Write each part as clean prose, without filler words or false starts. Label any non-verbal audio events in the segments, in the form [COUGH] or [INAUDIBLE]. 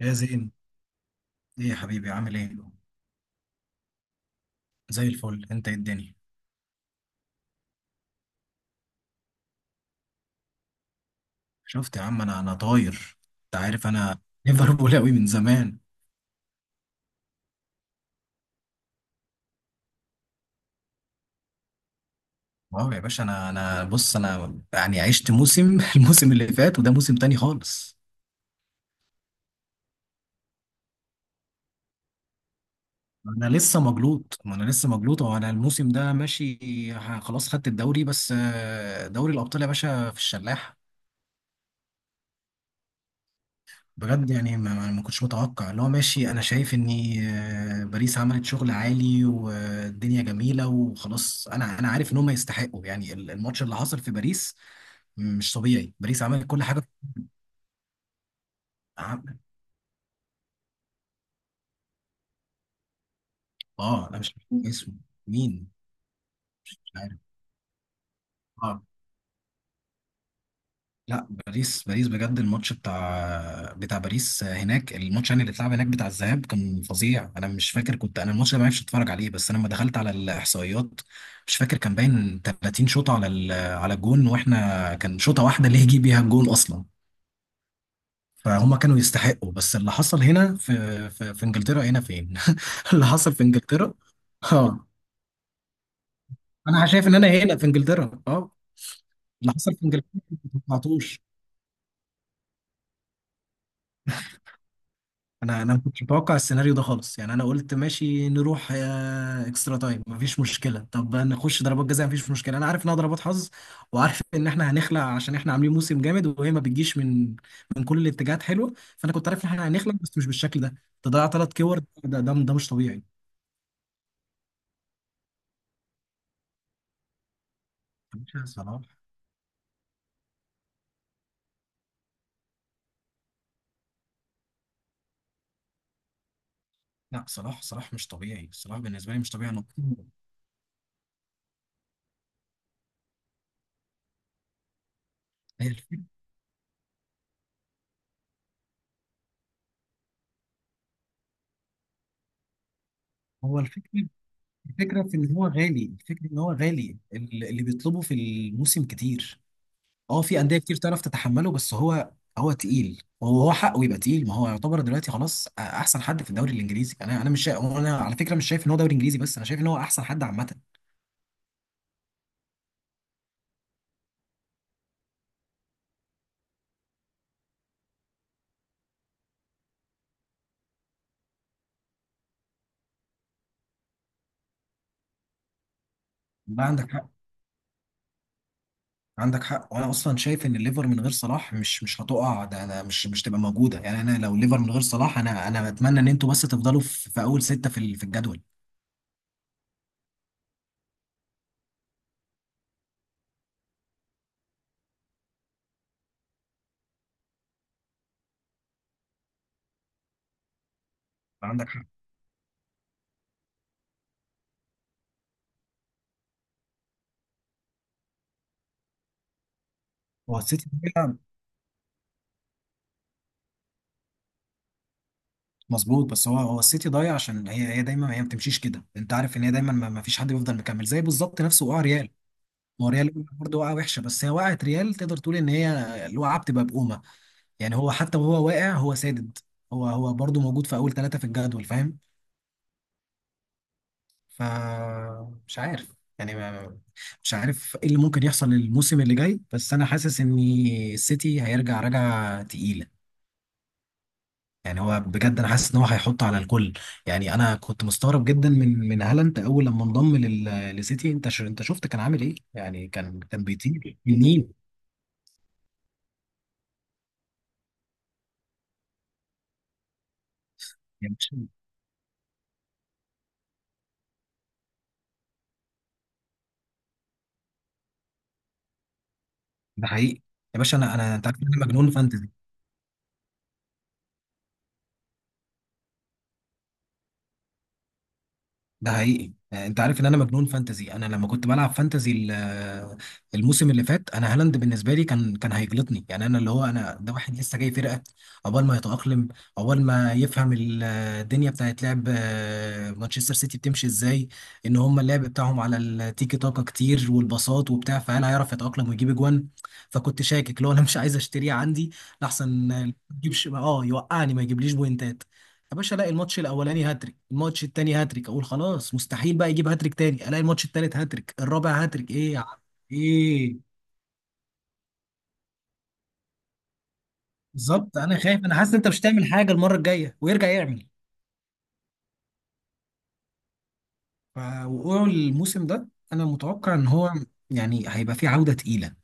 يا زين، ايه يا حبيبي؟ عامل ايه؟ زي الفل. انت إيه الدنيا؟ شفت يا عم، انا طاير. انت عارف انا [LAUGHS] ليفربول قوي من زمان. واو يا باشا، انا بص، انا يعني عشت موسم [LAUGHS] الموسم اللي فات، وده موسم تاني خالص. انا لسه مجلوط، ما انا لسه مجلوط، وانا الموسم ده ماشي. خلاص خدت الدوري، بس دوري الابطال يا باشا في الشلاح. بجد يعني ما كنتش متوقع اللي هو ماشي. انا شايف ان باريس عملت شغل عالي والدنيا جميله وخلاص. انا عارف ان هم يستحقوا، يعني الماتش اللي حصل في باريس مش طبيعي، باريس عملت كل حاجه. عم- اه انا مش عارف اسمه. مين؟ مش عارف. آه. لا باريس، باريس بجد الماتش بتاع باريس هناك، الماتش يعني اللي اتلعب هناك بتاع الذهاب كان فظيع. انا مش فاكر، كنت انا الماتش ده ما عرفتش اتفرج عليه، بس انا لما دخلت على الاحصائيات مش فاكر كان باين 30 شوطه على على الجون، واحنا كان شوطه واحده اللي يجي بيها الجون اصلا. فهم كانوا يستحقوا، بس اللي حصل هنا في في انجلترا هنا فين؟ [LAUGHS] اللي حصل في انجلترا. اه، انا شايف ان انا هنا في انجلترا، اه. اللي حصل في انجلترا ما توقعتوش. انا ما كنتش متوقع السيناريو ده خالص. يعني انا قلت ماشي، نروح اكسترا تايم مفيش مشكله، طب نخش ضربات جزاء مفيش مشكله، انا عارف انها ضربات حظ، وعارف ان احنا هنخلع عشان احنا عاملين موسم جامد، وهي ما بتجيش من من كل الاتجاهات حلوه. فانا كنت عارف ان احنا هنخلع، بس مش بالشكل ده. تضيع ثلاث كور، ده مش طبيعي. يا باشا صلاح، لا صلاح، صلاح مش طبيعي. صلاح بالنسبه لي مش طبيعي انا [LAUGHS] هي الفكره، هو الفكره، الفكره في ان هو غالي، الفكره ان هو غالي اللي بيطلبه في الموسم كتير. اه في انديه كتير تعرف تتحمله، بس هو، هو تقيل، وهو حقه يبقى تقيل، ما هو يعتبر دلوقتي خلاص احسن حد في الدوري الانجليزي. انا مش شا... انا على فكره مش شايف ان هو دوري انجليزي بس، انا شايف ان هو احسن حد عامه. لا عندك حق، عندك حق. وانا اصلا شايف ان الليفر من غير صلاح مش هتقع، ده انا مش تبقى موجوده، يعني انا لو الليفر من غير صلاح، انا بتمنى ان انتوا بس تفضلوا في اول سته في في الجدول. عندك حق. هو السيتي ضايع، مظبوط. بس هو السيتي ضايع عشان هي دايما، هي ما بتمشيش كده. انت عارف ان هي دايما ما فيش حد بيفضل مكمل، زي بالظبط نفسه وقع ريال. ما هو ريال برضه وقعه وحشه، بس هي وقعت ريال تقدر تقول ان هي الوقعه بتبقى بقومه. يعني هو حتى وهو واقع هو سادد. هو برضه موجود في اول ثلاثه في الجدول، فاهم؟ ف مش عارف يعني مش عارف ايه اللي ممكن يحصل الموسم اللي جاي، بس انا حاسس ان السيتي هيرجع رجعه تقيله. يعني هو بجد انا حاسس ان هو هيحط على الكل. يعني انا كنت مستغرب جدا من هالاند اول لما انضم للسيتي. انت شفت كان عامل ايه؟ يعني كان بيطير منين؟ ده حقيقي. يا باشا، انا انت عارف ان انا مجنون فانتزي. ده حقيقي. انت عارف ان انا مجنون فانتزي. انا لما كنت بلعب فانتزي الموسم اللي فات، انا هالاند بالنسبه لي كان هيجلطني، يعني انا اللي هو انا ده واحد لسه جاي فرقه. عقبال ما يتاقلم، عقبال ما يفهم الدنيا بتاعت لعب، مانشستر سيتي بتمشي ازاي، ان هم اللعب بتاعهم على التيكي تاكا كتير والباصات وبتاع، فهل هيعرف يتاقلم ويجيب اجوان؟ فكنت شاكك لو انا مش عايز اشتريه عندي، لحسن ما يجيبش اه يوقعني ما يجيبليش بوينتات. يا باشا الاقي الماتش الاولاني هاتريك، الماتش التاني هاتريك، اقول خلاص مستحيل بقى يجيب هاتريك تاني، الاقي الماتش التالت هاتريك، الرابع هاتريك. ايه يا عم؟ ايه؟ بالظبط، انا خايف، انا حاسس ان انت مش هتعمل حاجه المره الجايه ويرجع يعمل. ف- وقوع الموسم ده انا متوقع ان هو يعني هيبقى فيه عوده تقيله.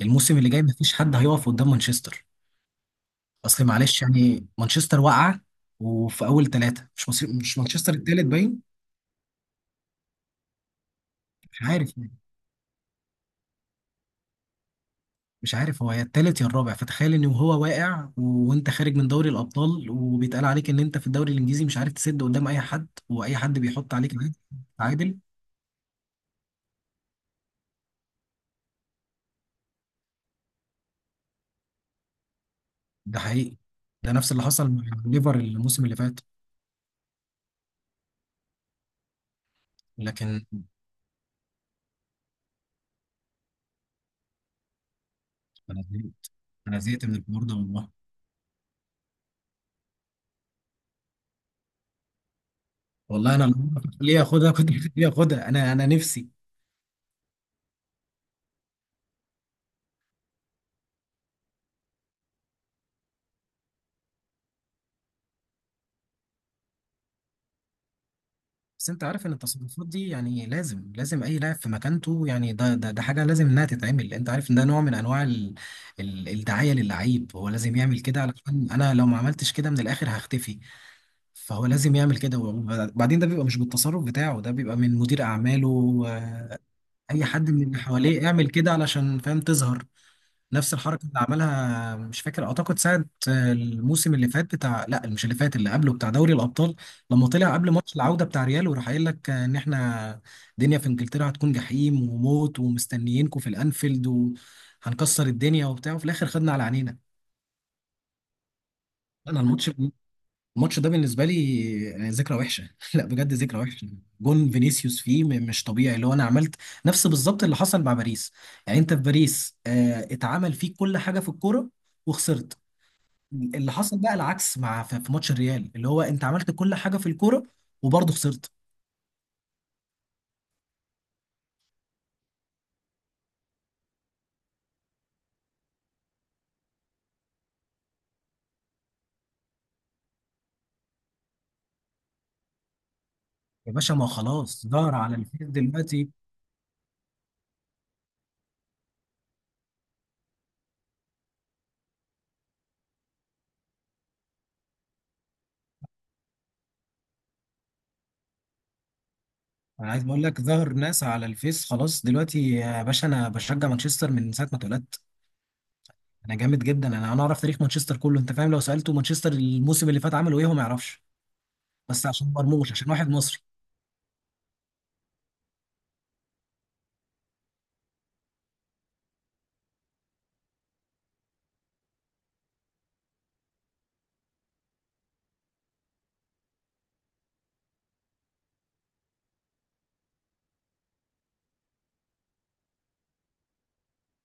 الموسم اللي جاي مفيش حد هيقف قدام مانشستر. اصل معلش يعني مانشستر واقعه، وفي اول ثلاثه مش مصير مش مانشستر التالت باين. مش عارف، مش عارف هو يا التالت يا الرابع. فتخيل ان هو واقع وانت خارج من دوري الابطال، وبيتقال عليك ان انت في الدوري الانجليزي مش عارف تسد قدام اي حد، واي حد بيحط عليك عادي. تعادل. ده حقيقي. ده نفس اللي حصل مع ليفر الموسم اللي فات. لكن انا زهقت، انا زهقت من الحوار ده والله. والله انا لو، ليه اخدها؟ كنت [LAUGHS] ليه اخدها؟ انا نفسي. بس انت عارف ان التصرفات دي يعني لازم اي لاعب في مكانته، يعني ده حاجه لازم انها تتعمل. انت عارف ان ده نوع من انواع ال الدعايه للعيب. هو لازم يعمل كده علشان انا لو ما عملتش كده من الاخر هختفي. فهو لازم يعمل كده، وبعدين ده بيبقى مش بالتصرف بتاعه، ده بيبقى من مدير اعماله. اي حد من اللي حواليه يعمل كده علشان فاهم تظهر. نفس الحركه اللي عملها مش فاكر، اعتقد ساعه الموسم اللي فات بتاع، لا مش اللي فات، اللي قبله بتاع دوري الابطال، لما طلع قبل ماتش العوده بتاع ريال وراح قايل لك ان احنا الدنيا في انجلترا هتكون جحيم وموت ومستنيينكم في الانفيلد وهنكسر الدنيا وبتاع، وفي الاخر خدنا على عينينا. انا الماتش، الماتش ده بالنسبه لي يعني ذكرى وحشه [LAUGHS] لا بجد ذكرى وحشه. جون فينيسيوس فيه مش طبيعي. اللي هو انا عملت نفس بالظبط اللي حصل مع باريس. يعني انت في باريس، اتعمل فيك كل حاجه في الكوره وخسرت. اللي حصل بقى العكس مع، في ماتش الريال اللي هو انت عملت كل حاجه في الكوره، وبرضه خسرت. يا باشا ما هو خلاص ظهر على الفيس دلوقتي. انا عايز اقول لك ظهر ناس على الفيس خلاص دلوقتي. يا باشا انا بشجع مانشستر من ساعه ما اتولدت. انا جامد جدا، انا اعرف تاريخ مانشستر كله. انت فاهم لو سالته مانشستر الموسم اللي فات عملوا ايه هو ما يعرفش، بس عشان مرموش، عشان واحد مصري.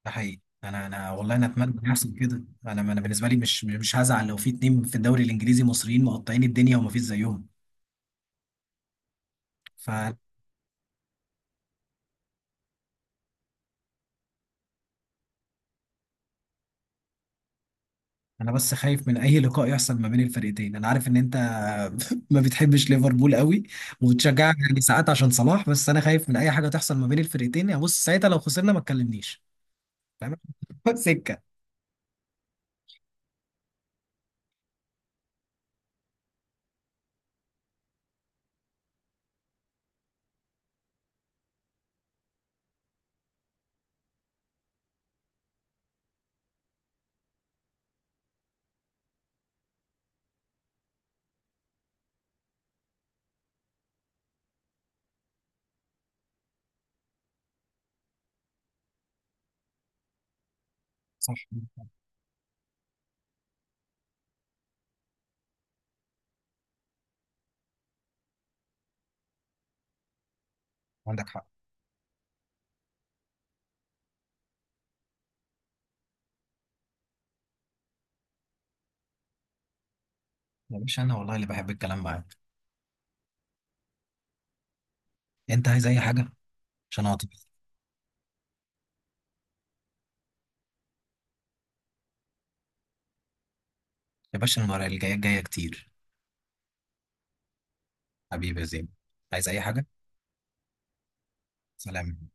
ده حقيقي. انا والله انا اتمنى إن يحصل كده. انا بالنسبه لي مش هزعل لو في اتنين في الدوري الانجليزي مصريين مقطعين الدنيا وما فيش زيهم. فانا، انا بس خايف من اي لقاء يحصل ما بين الفرقتين. انا عارف ان انت [LAUGHS] ما بتحبش ليفربول قوي وبتشجعها يعني ساعات عشان صلاح، بس انا خايف من اي حاجه تحصل ما بين الفرقتين. يا بص ساعتها لو خسرنا ما تكلمنيش، فاهم؟ [LAUGHS] سكه. صح. عندك حق. يا باشا انا والله اللي بحب الكلام معاك. انت عايز اي حاجه عشان اعطيك؟ يا باشا المره الجايه جايه كتير. حبيبي يا زين. عايز اي حاجه؟ سلام.